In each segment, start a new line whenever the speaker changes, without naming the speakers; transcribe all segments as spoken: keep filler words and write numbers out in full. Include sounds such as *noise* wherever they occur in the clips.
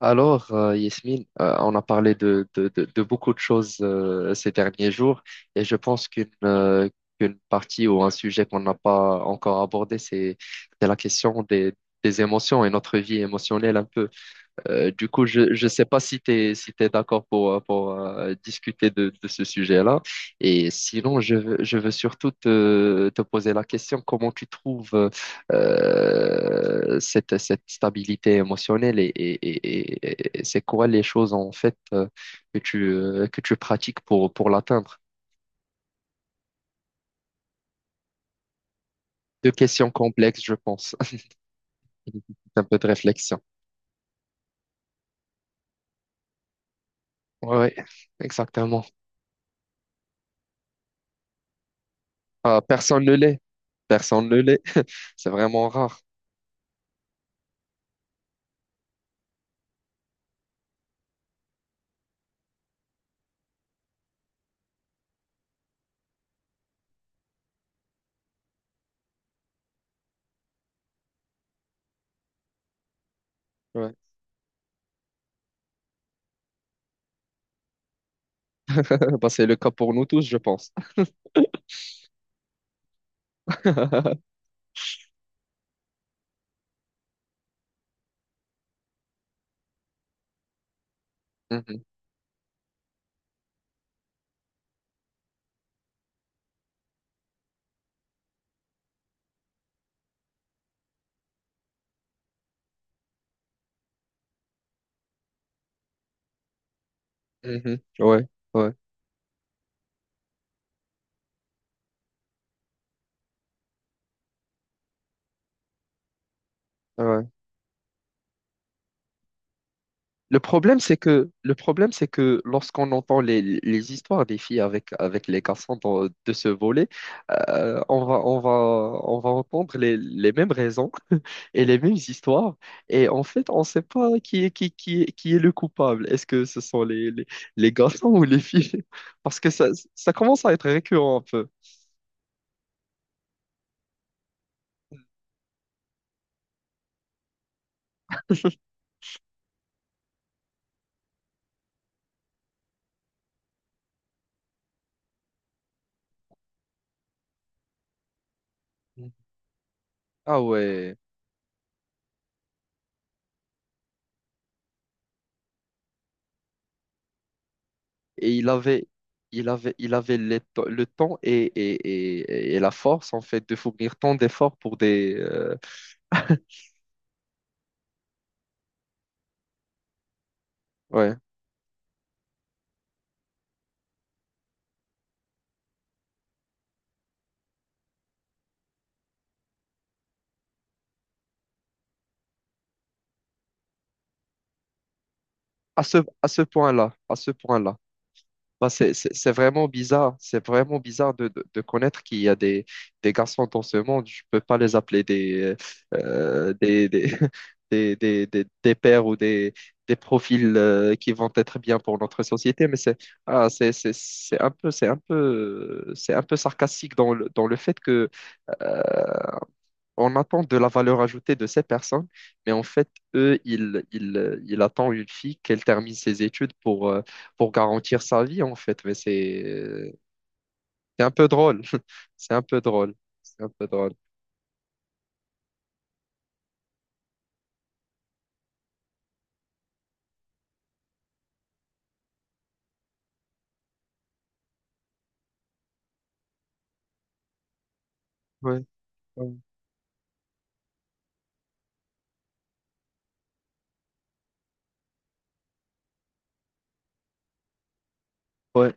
Alors, euh, Yasmine, euh, on a parlé de, de, de, de beaucoup de choses euh, ces derniers jours et je pense qu'une euh, qu'une partie ou un sujet qu'on n'a pas encore abordé, c'est c'est la question des, des émotions et notre vie émotionnelle un peu. Euh, du coup, je ne sais pas si tu es, si t'es d'accord pour, euh, pour euh, discuter de, de ce sujet-là. Et sinon, je, veux- je veux surtout te, te poser la question, comment tu trouves euh, cette, cette stabilité émotionnelle et, et, et, et- et c'est quoi les choses en fait euh, que tu, euh, que tu pratiques pour, pour l'atteindre? Deux questions complexes, je pense. *laughs* Un peu de réflexion. Oui, exactement. Ah, personne ne l'est. Personne ne l'est. C'est vraiment rare. Ouais. *laughs* Eh ben, c'est le cas pour nous tous, je pense. *laughs* Mhm, mhm. Ouais, ouais, ouais. Le problème, c'est que le problème, c'est que lorsqu'on entend les, les histoires des filles avec, avec les garçons dans- de ce volet, euh, on va, on va, on va entendre les, les mêmes raisons *laughs* et les mêmes histoires. Et en fait, on ne sait pas qui est, qui, qui, est- qui est le coupable. Est-ce que ce sont les, les, les garçons *laughs* ou les filles? Parce que ça, ça commence à être récurrent un peu. Ah ouais. Et il avait, il avait, il avait les to- le temps et, et, et, et la force, en fait, de fournir tant d'efforts pour des... euh, *laughs* ouais, à ce, à ce point-là, à ce point-là. Bah, c'est c'est- c'est vraiment bizarre. C'est vraiment bizarre de, de, de connaître qu'il y a des, des garçons dans ce monde. Je peux pas les appeler des, euh, des, des, *laughs* des, des, des, des pères ou des, des profils euh, qui vont être bien pour notre société. Mais c'est ah, c'est c'est- c'est un peu, c'est un peu, c'est un peu sarcastique dans le, dans le fait que euh, on attend de la valeur ajoutée de ces personnes, mais en fait, eux, ils, ils, euh, ils attendent une fille qu'elle termine ses études pour, euh, pour garantir sa vie, en fait. Mais c'est euh, c'est un peu drôle. *laughs* C'est un peu drôle. C'est un peu drôle. Ouais, ouais. Ouais.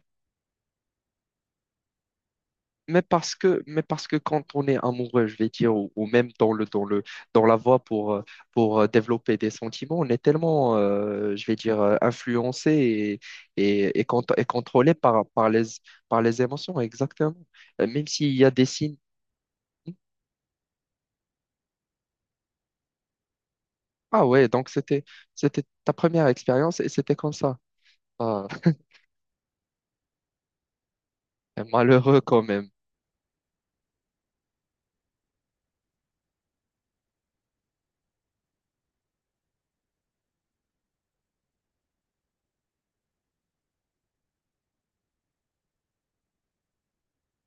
Mais parce que, mais parce que quand on est amoureux, je vais dire, ou, ou même dans le, dans le, dans la voie pour, euh, pour euh, développer des sentiments, on est tellement, euh, je vais dire, euh, influencé et, et, et, cont- et contrôlé par, par les, par les émotions, exactement. Euh, Même s'il y a des signes. Ah ouais, donc c'était, c'était ta première expérience et c'était comme ça. Ah, *laughs* malheureux quand même.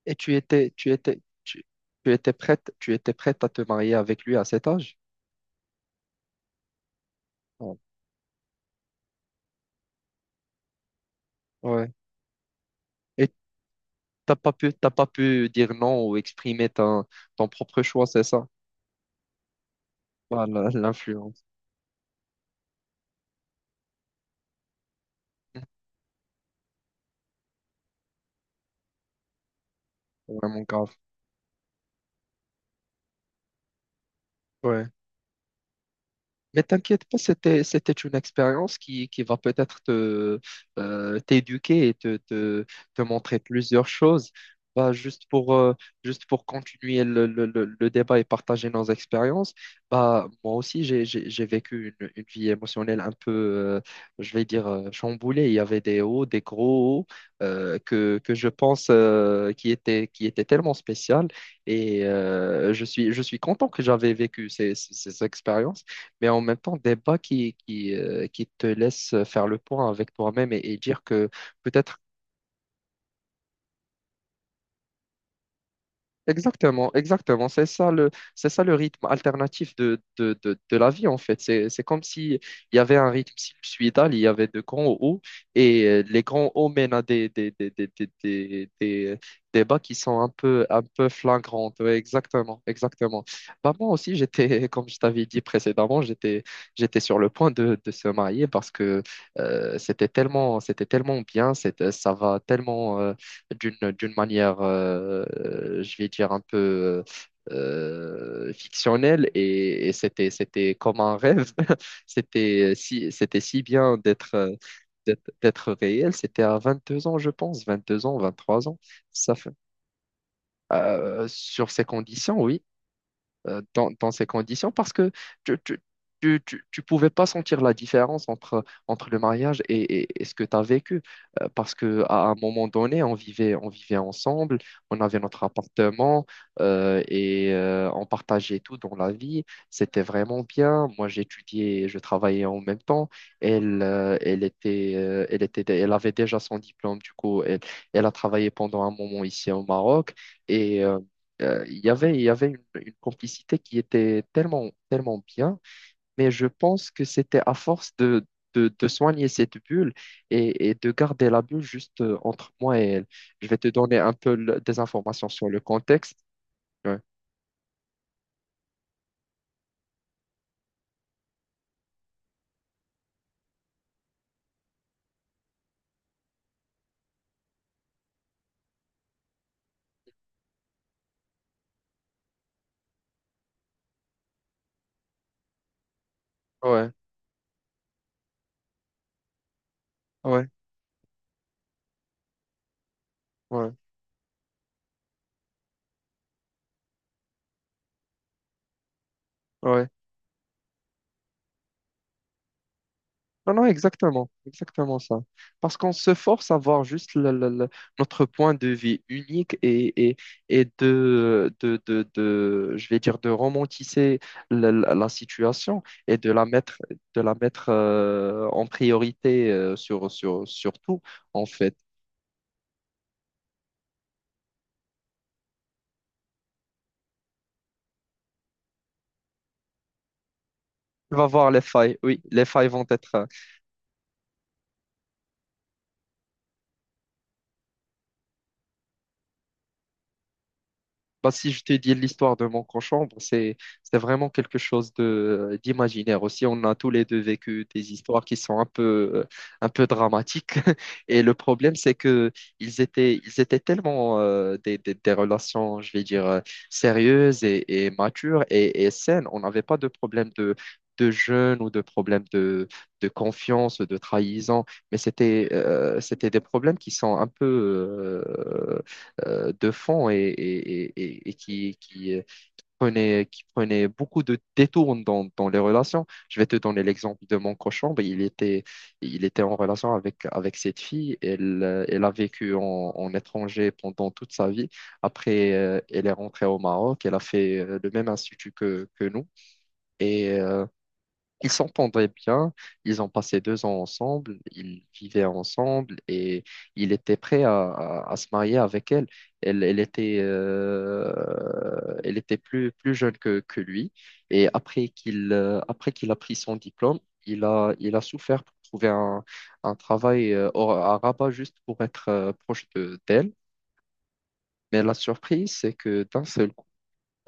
Et tu étais, tu étais, tu, tu étais prête, tu étais prête à te marier avec lui à cet âge? Ouais. Ouais. Et T'as pas pu, t'as pas pu dire non ou exprimer ton, ton propre choix, c'est ça? Voilà, *laughs* l'influence. Vraiment grave. Ouais. Mais t'inquiète pas, c'était, c'était une expérience qui, qui va peut-être te, euh, t'éduquer et te, te, te montrer plusieurs choses. Bah, juste pour, euh, juste pour continuer le, le, le- le débat et partager nos expériences, bah, moi aussi, j'ai, j'ai, j'ai vécu une, une vie émotionnelle un peu, euh, je vais dire, euh, chamboulée. Il y avait des hauts, des gros hauts, euh, que, que je pense euh, qui étaient, qui étaient tellement spéciales. Et euh, je suis, je suis content que j'avais vécu ces, ces ces expériences mais en même temps, des bas qui, qui, euh, qui te laissent faire le point avec toi-même et, et dire que peut-être exactement, exactement. C'est ça le, c'est ça le rythme alternatif de, de, de, de la vie, en fait. C'est, c'est comme si il y avait un rythme sinusoïdal, il y avait de grands hauts, et euh, les grands hauts mènent à des, des, des, des, des, des, des- des bas qui sont un peu, un peu flagrantes. Ouais, exactement, exactement. Bah, moi aussi, j'étais, *laughs* comme je t'avais dit précédemment, j'étais, j'étais sur le point de, de se marier parce que euh, c'était tellement, c'était tellement bien, c'était, ça va tellement. Euh, d'une d'une manière, euh, je vais dire, un peu euh, fictionnelle et, et c'était, c'était comme un rêve. *laughs* C'était si, c'était si bien d'être euh, d'être d'être réel. C'était à vingt-deux ans, je pense, vingt-deux ans, vingt-trois ans. Ça fait, euh, sur ces conditions, oui euh, dans, dans ces conditions parce que tu, tu, tu, tu- tu pouvais pas sentir la différence entre, entre le mariage et, et- et ce que tu as vécu. Euh, parce que à un moment donné, on vivait, on vivait ensemble, on avait notre appartement euh, et euh, on partageait tout dans la vie. C'était vraiment bien. Moi, j'étudiais, je travaillais en même temps. Elle, euh, elle était, euh, elle était, elle avait déjà son diplôme, du coup, elle, elle a travaillé pendant un moment ici au Maroc et euh, euh, il y avait, il y avait une, une complicité qui était tellement, tellement bien, mais je pense que c'était à force de, de, de soigner cette bulle et, et de garder la bulle juste euh, entre moi et elle. Je vais te donner un peu le- des informations sur le contexte. Ouais, ouais, ouais, ouais. Ouais. Non, non, exactement, exactement ça. Parce qu'on se force à voir juste le- le- le- notre point de vue unique et, et, et de, de, de, de- je vais dire, de romantiser la, la- la situation et de la mettre, de la mettre euh, en priorité euh, sur, sur, sur tout, en fait. Tu vas voir les failles, oui, les failles vont être, bah, si je te dis l'histoire de mon conchambre c'est c'est vraiment quelque chose de d'imaginaire aussi. On a tous les deux vécu des histoires qui sont un peu euh, un peu dramatiques. *laughs* Et le problème, c'est que ils étaient ils étaient tellement euh, des, des, des relations, je vais dire, euh, sérieuses et, et matures et, et saines. On n'avait pas de problème de de jeûne ou de problème de, de confiance, de trahison, mais c'était euh, c'était des problèmes qui sont un peu euh, euh, de fond et, et- et- et et qui, qui, euh, prenait, qui prenait beaucoup de détours dans, dans les relations. Je vais te donner l'exemple de mon cochon. Ben, il était, il était en relation avec, avec cette fille. Elle, euh, elle a vécu en, en étranger pendant toute sa vie. Après, euh, elle est rentrée au Maroc. Elle a fait euh, le même institut que, que nous. Et euh, Ils s'entendaient bien, ils ont passé deux ans ensemble, ils vivaient ensemble et il était prêt à, à- à se marier avec elle. Elle, elle était, euh, elle était plus, plus jeune que, que lui et après qu'il euh, après qu'il a pris son diplôme, il a, il a souffert pour trouver un, un travail euh, au- à Rabat juste pour être euh, proche de, d'elle. Mais la surprise, c'est que d'un seul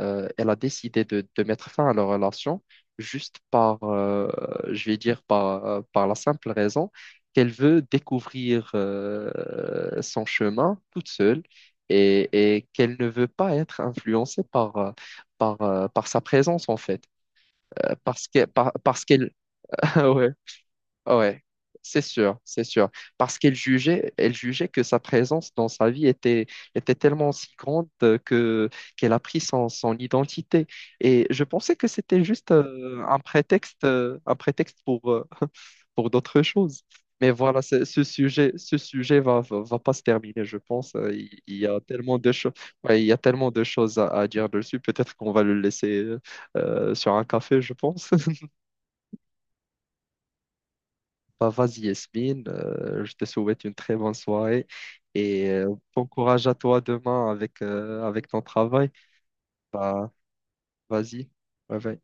euh, elle a décidé de, de mettre fin à leur relation juste par, euh, je vais dire, par, euh, par la simple raison qu'elle veut découvrir euh, son chemin toute seule et, et qu'elle ne veut pas être influencée par, euh, par, euh, par sa présence, en fait. Euh, parce que, par- parce qu'elle... *laughs* Ouais. Ouais, c'est sûr, c'est sûr. Parce qu'elle jugeait, elle jugeait que sa présence dans sa vie était, était tellement si grande euh, que qu'elle a pris son, son identité. Et je pensais que c'était juste euh, un prétexte, euh, un prétexte pour, euh, pour d'autres choses. Mais voilà, c'est- ce sujet, ce sujet va, va, va pas se terminer, je pense. Euh, Il, il y a tellement de choses, il y a tellement de choses à, à dire dessus. Peut-être qu'on va le laisser euh, sur un café, je pense. Bah, vas-y Yasmine, Euh, je te souhaite une très bonne soirée et euh, bon courage à toi demain avec, euh, avec ton travail. Bah, vas-y, bye bye.